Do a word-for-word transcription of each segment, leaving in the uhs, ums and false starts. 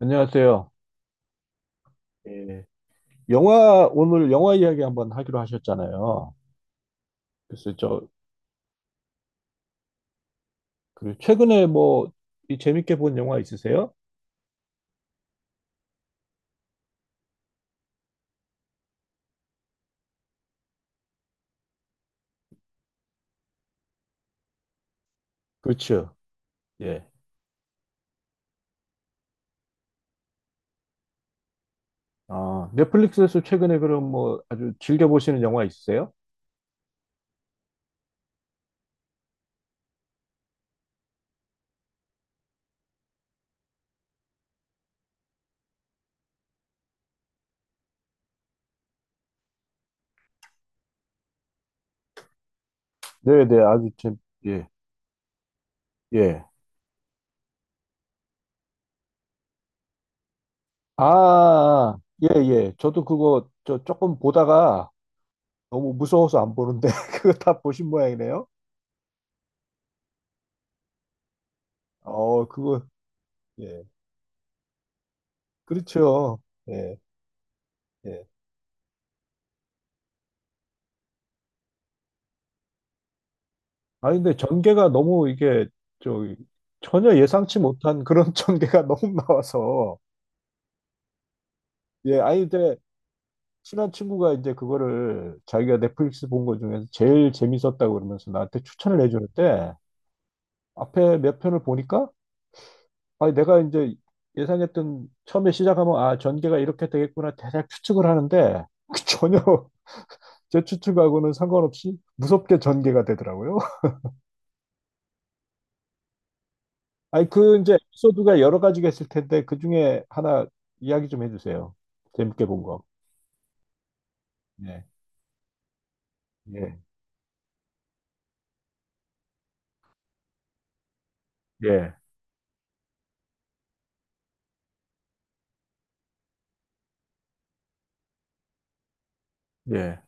안녕하세요. 예, 영화, 오늘 영화 이야기 한번 하기로 하셨잖아요. 그래서 저, 그 최근에 뭐, 이 재밌게 본 영화 있으세요? 그렇죠. 예. 아, 넷플릭스에서 최근에 그럼 뭐 아주 즐겨보시는 영화 있으세요? 네네, 아주 재, 예, 예. 아, 예, 예. 저도 그거 저 조금 보다가 너무 무서워서 안 보는데, 그거 다 보신 모양이네요. 어, 그거, 예. 그렇죠. 예, 예. 아니, 근데 전개가 너무 이게, 저, 전혀 예상치 못한 그런 전개가 너무 나와서, 예, 아니, 근데 친한 친구가 이제 그거를 자기가 넷플릭스 본 거 중에서 제일 재밌었다고 그러면서 나한테 추천을 해줬는데, 앞에 몇 편을 보니까, 아니, 내가 이제 예상했던, 처음에 시작하면, 아, 전개가 이렇게 되겠구나, 대략 추측을 하는데, 전혀 제 추측하고는 상관없이 무섭게 전개가 되더라고요. 아니, 그 이제 에피소드가 여러 가지가 있을 텐데 그 중에 하나 이야기 좀 해주세요. 재밌게 본 거. 예, 예, 예, 예.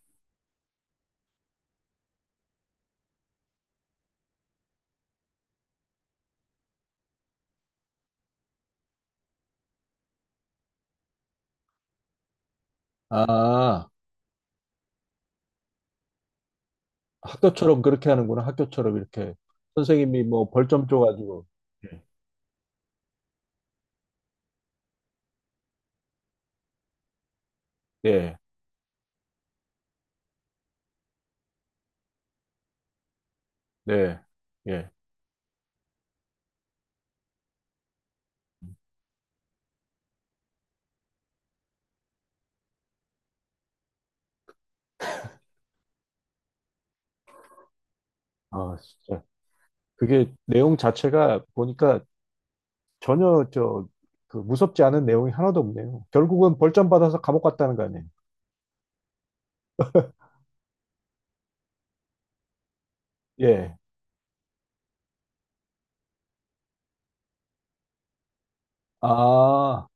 아, 학교처럼 그렇게 하는구나. 학교처럼 이렇게 선생님이 뭐 벌점 줘가지고. 예, 예, 네, 예. 아, 진짜 그게 내용 자체가 보니까 전혀 저 그 무섭지 않은 내용이 하나도 없네요. 결국은 벌점 받아서 감옥 갔다는 거 아니에요? 예. 아,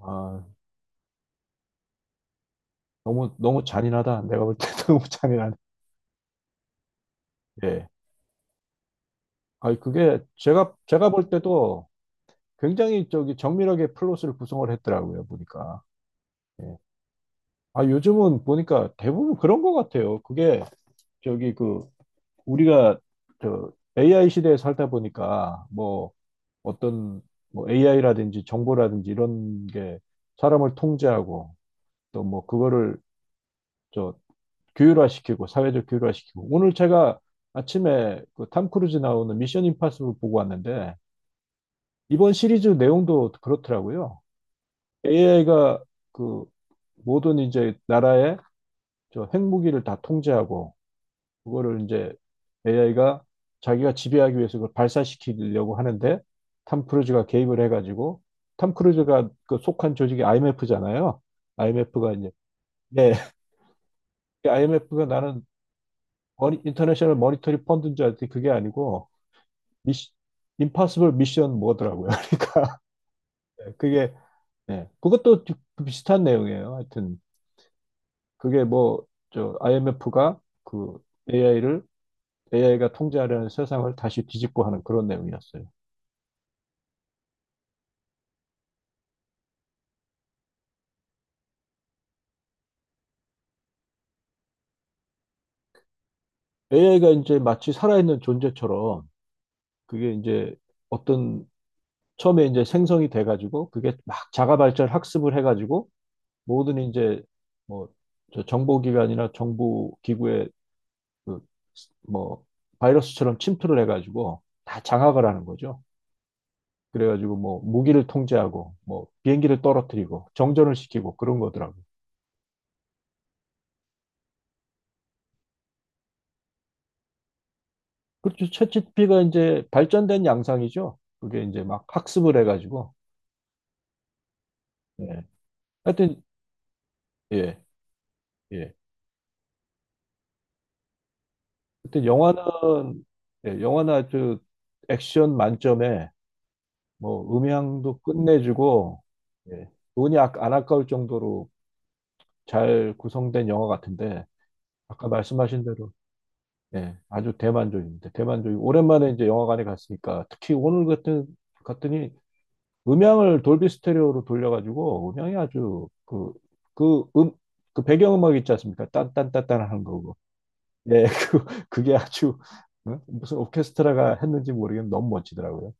아, 너무 너무 잔인하다. 내가 볼 때 너무 잔인하네. 예. 아니, 그게 제가, 제가 볼 때도 굉장히 저기 정밀하게 플롯을 구성을 했더라고요, 보니까. 예. 아, 요즘은 보니까 대부분 그런 것 같아요. 그게 저기 그, 우리가 저 에이아이 시대에 살다 보니까 뭐 어떤 뭐 에이아이라든지 정보라든지 이런 게 사람을 통제하고 또 뭐 그거를 저 규율화시키고 사회적 규율화시키고 오늘 제가 아침에 그 탐 크루즈 나오는 미션 임파서블 보고 왔는데 이번 시리즈 내용도 그렇더라고요. 에이아이가 그 모든 이제 나라의 저 핵무기를 다 통제하고 그거를 이제 에이아이가 자기가 지배하기 위해서 그걸 발사시키려고 하는데 탐 크루즈가 개입을 해가지고 탐 크루즈가 그 속한 조직이 아이엠에프잖아요. 아이엠에프가 이제 네. 아이엠에프가 나는 머니, 인터내셔널 머니터리 펀드인 줄 알았더니 그게 아니고 미시, 임파서블 미션 뭐더라고요. 그러니까 그게 예. 그것도 비- 비슷한 내용이에요. 하여튼 그게 뭐 저 아이엠에프가 그 에이아이를 에이아이가 통제하려는 세상을 다시 뒤집고 하는 그런 내용이었어요. 에이아이가 이제 마치 살아있는 존재처럼 그게 이제 어떤 처음에 이제 생성이 돼가지고 그게 막 자가 발전 학습을 해가지고 모든 이제 뭐 저 정보기관이나 정부 기구의 그뭐 바이러스처럼 침투를 해가지고 다 장악을 하는 거죠. 그래가지고 뭐 무기를 통제하고 뭐 비행기를 떨어뜨리고 정전을 시키고 그런 거더라고. 그렇죠. 챗지피가 이제 발전된 양상이죠. 그게 이제 막 학습을 해가지고. 예. 하여튼 예, 예. 하여튼 영화는 예, 영화나 그 액션 만점에 뭐 음향도 끝내주고 예. 돈이 아- 안 아까울 정도로 잘 구성된 영화 같은데 아까 말씀하신 대로 네, 아주 대만족입니다. 대만족 오랜만에 이제 영화관에 갔으니까 특히 오늘 같은 갔더니 음향을 돌비 스테레오로 돌려가지고 음향이 아주 그 그 음 그 배경음악 있지 않습니까? 딴딴딴딴 하는 거고. 예, 그 그게 아주 응? 무슨 오케스트라가 했는지 모르겠는데 너무 멋지더라고요.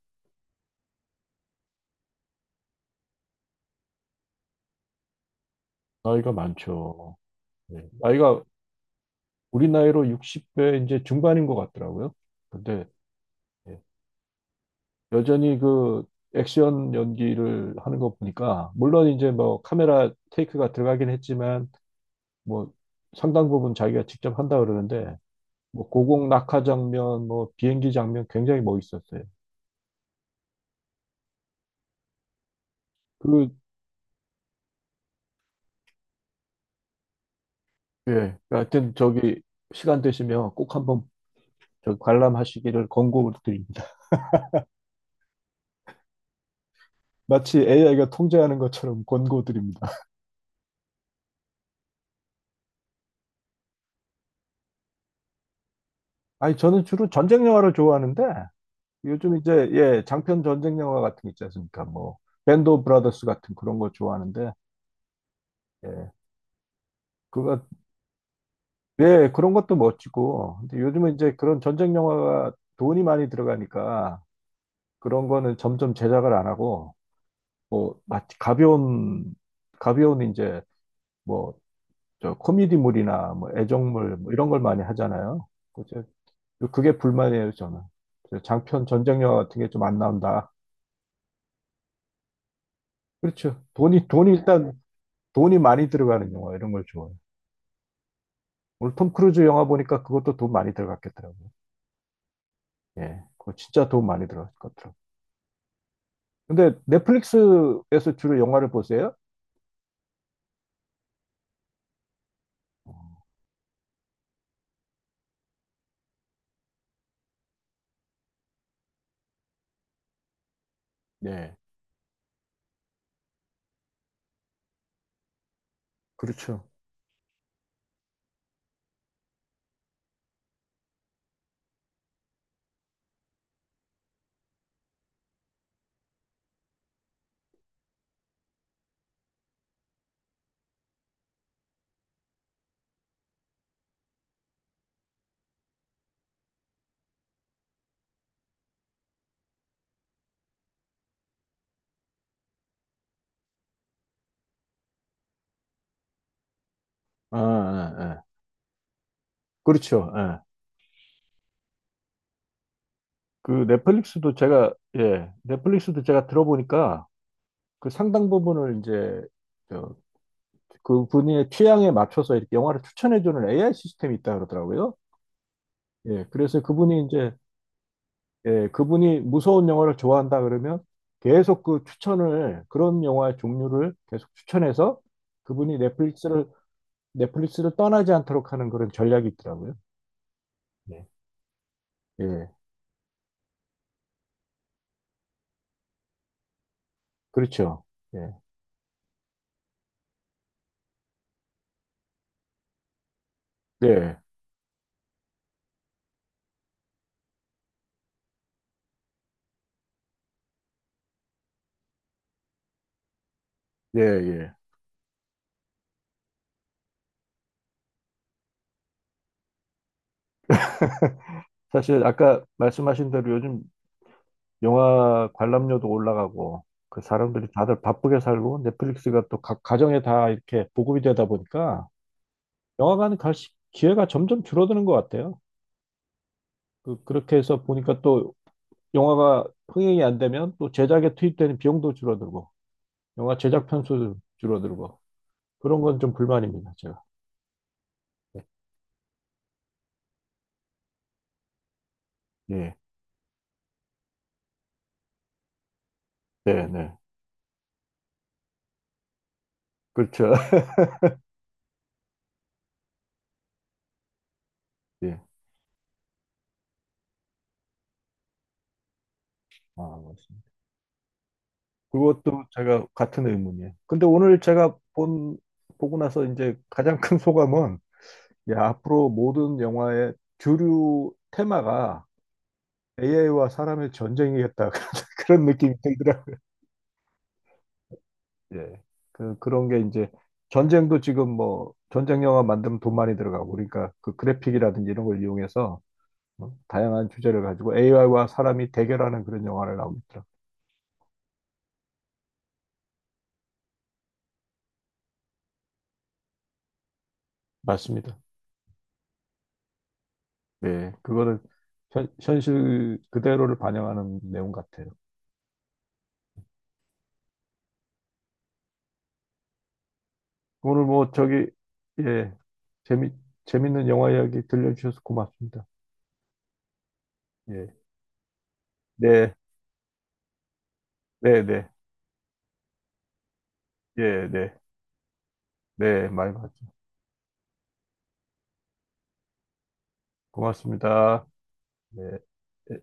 나이가 많죠. 예, 나이가 우리 나이로 육십 대 이제 중반인 것 같더라고요. 근데 예, 여전히 그 액션 연기를 하는 거 보니까 물론 이제 뭐 카메라 테이크가 들어가긴 했지만 뭐 상당 부분 자기가 직접 한다 그러는데 뭐 고공 낙하 장면, 뭐 비행기 장면 굉장히 멋있었어요. 그 예, 하여튼 저기 시간 되시면 꼭 한번 저 관람하시기를 권고드립니다. 마치 에이아이가 통제하는 것처럼 권고드립니다. 아니, 저는 주로 전쟁 영화를 좋아하는데 요즘 이제 예 장편 전쟁 영화 같은 게 있지 않습니까? 뭐 밴드 오브 브라더스 같은 그런 거 좋아하는데 예, 그거 예, 그런 것도 멋지고 근데 요즘은 이제 그런 전쟁 영화가 돈이 많이 들어가니까 그런 거는 점점 제작을 안 하고 뭐 마치 가벼운 가벼운 이제 뭐 저 코미디물이나 뭐 애정물 뭐 이런 걸 많이 하잖아요. 그제- 그게 불만이에요, 저는. 장편 전쟁 영화 같은 게 좀 안 나온다. 그렇죠. 돈이 돈이 일단 돈이 많이 들어가는 영화 이런 걸 좋아해요. 오늘 톰 크루즈 영화 보니까 그것도 돈 많이 들어갔겠더라고요. 예, 그거 진짜 돈 많이 들어갔을 것 같더라고요. 근데 넷플릭스에서 주로 영화를 보세요? 네, 그렇죠. 아, 아, 아. 그렇죠. 예. 그 넷플릭스도 제가 예, 넷플릭스도 제가 들어보니까 그 상당 부분을 이제 저, 그 분의 취향에 맞춰서 이렇게 영화를 추천해주는 에이아이 시스템이 있다 그러더라고요. 예, 그래서 그분이 이제 예, 그분이 무서운 영화를 좋아한다 그러면 계속 그 추천을, 그런 영화의 종류를 계속 추천해서 그분이 넷플릭스를, 넷플릭스를 떠나지 않도록 하는 그런 전략이 있더라고요. 네. 예, 그렇죠. 예, 예, 예, 예. 사실 아까 말씀하신 대로 요즘 영화 관람료도 올라가고 그 사람들이 다들 바쁘게 살고 넷플릭스가 또 가, 가정에 다 이렇게 보급이 되다 보니까 영화관 갈 시- 기회가 점점 줄어드는 것 같아요. 그, 그렇게 해서 보니까 또 영화가 흥행이 안 되면 또 제작에 투입되는 비용도 줄어들고, 영화 제작 편수도 줄어들고, 그런 건 좀 불만입니다, 제가. 예, 네, 네. 그렇죠. 예. 아, 맞습니다. 그것도 제가 같은 의문이에요. 근데 오늘 제가 본, 보고 나서 이제 가장 큰 소감은, 야, 앞으로 모든 영화의 주류 테마가 에이아이와 사람의 전쟁이겠다. 그런 느낌이 들더라고요. 예. 그, 그런 게 이제 전쟁도 지금 뭐 전쟁 영화 만들면 돈 많이 들어가고 그러니까 그 그래픽이라든지 이런 걸 이용해서 뭐 다양한 주제를 가지고 에이아이와 사람이 대결하는 그런 영화를 나오고 있더라고요. 맞습니다. 예. 그거를 현, 현실 그대로를 반영하는 내용 같아요. 오늘 뭐 저기 예. 재미 재밌는 영화 이야기 들려주셔서 고맙습니다. 예. 네. 네, 네. 예, 네. 네, 많이 봤죠. 고맙습니다. 네. 예.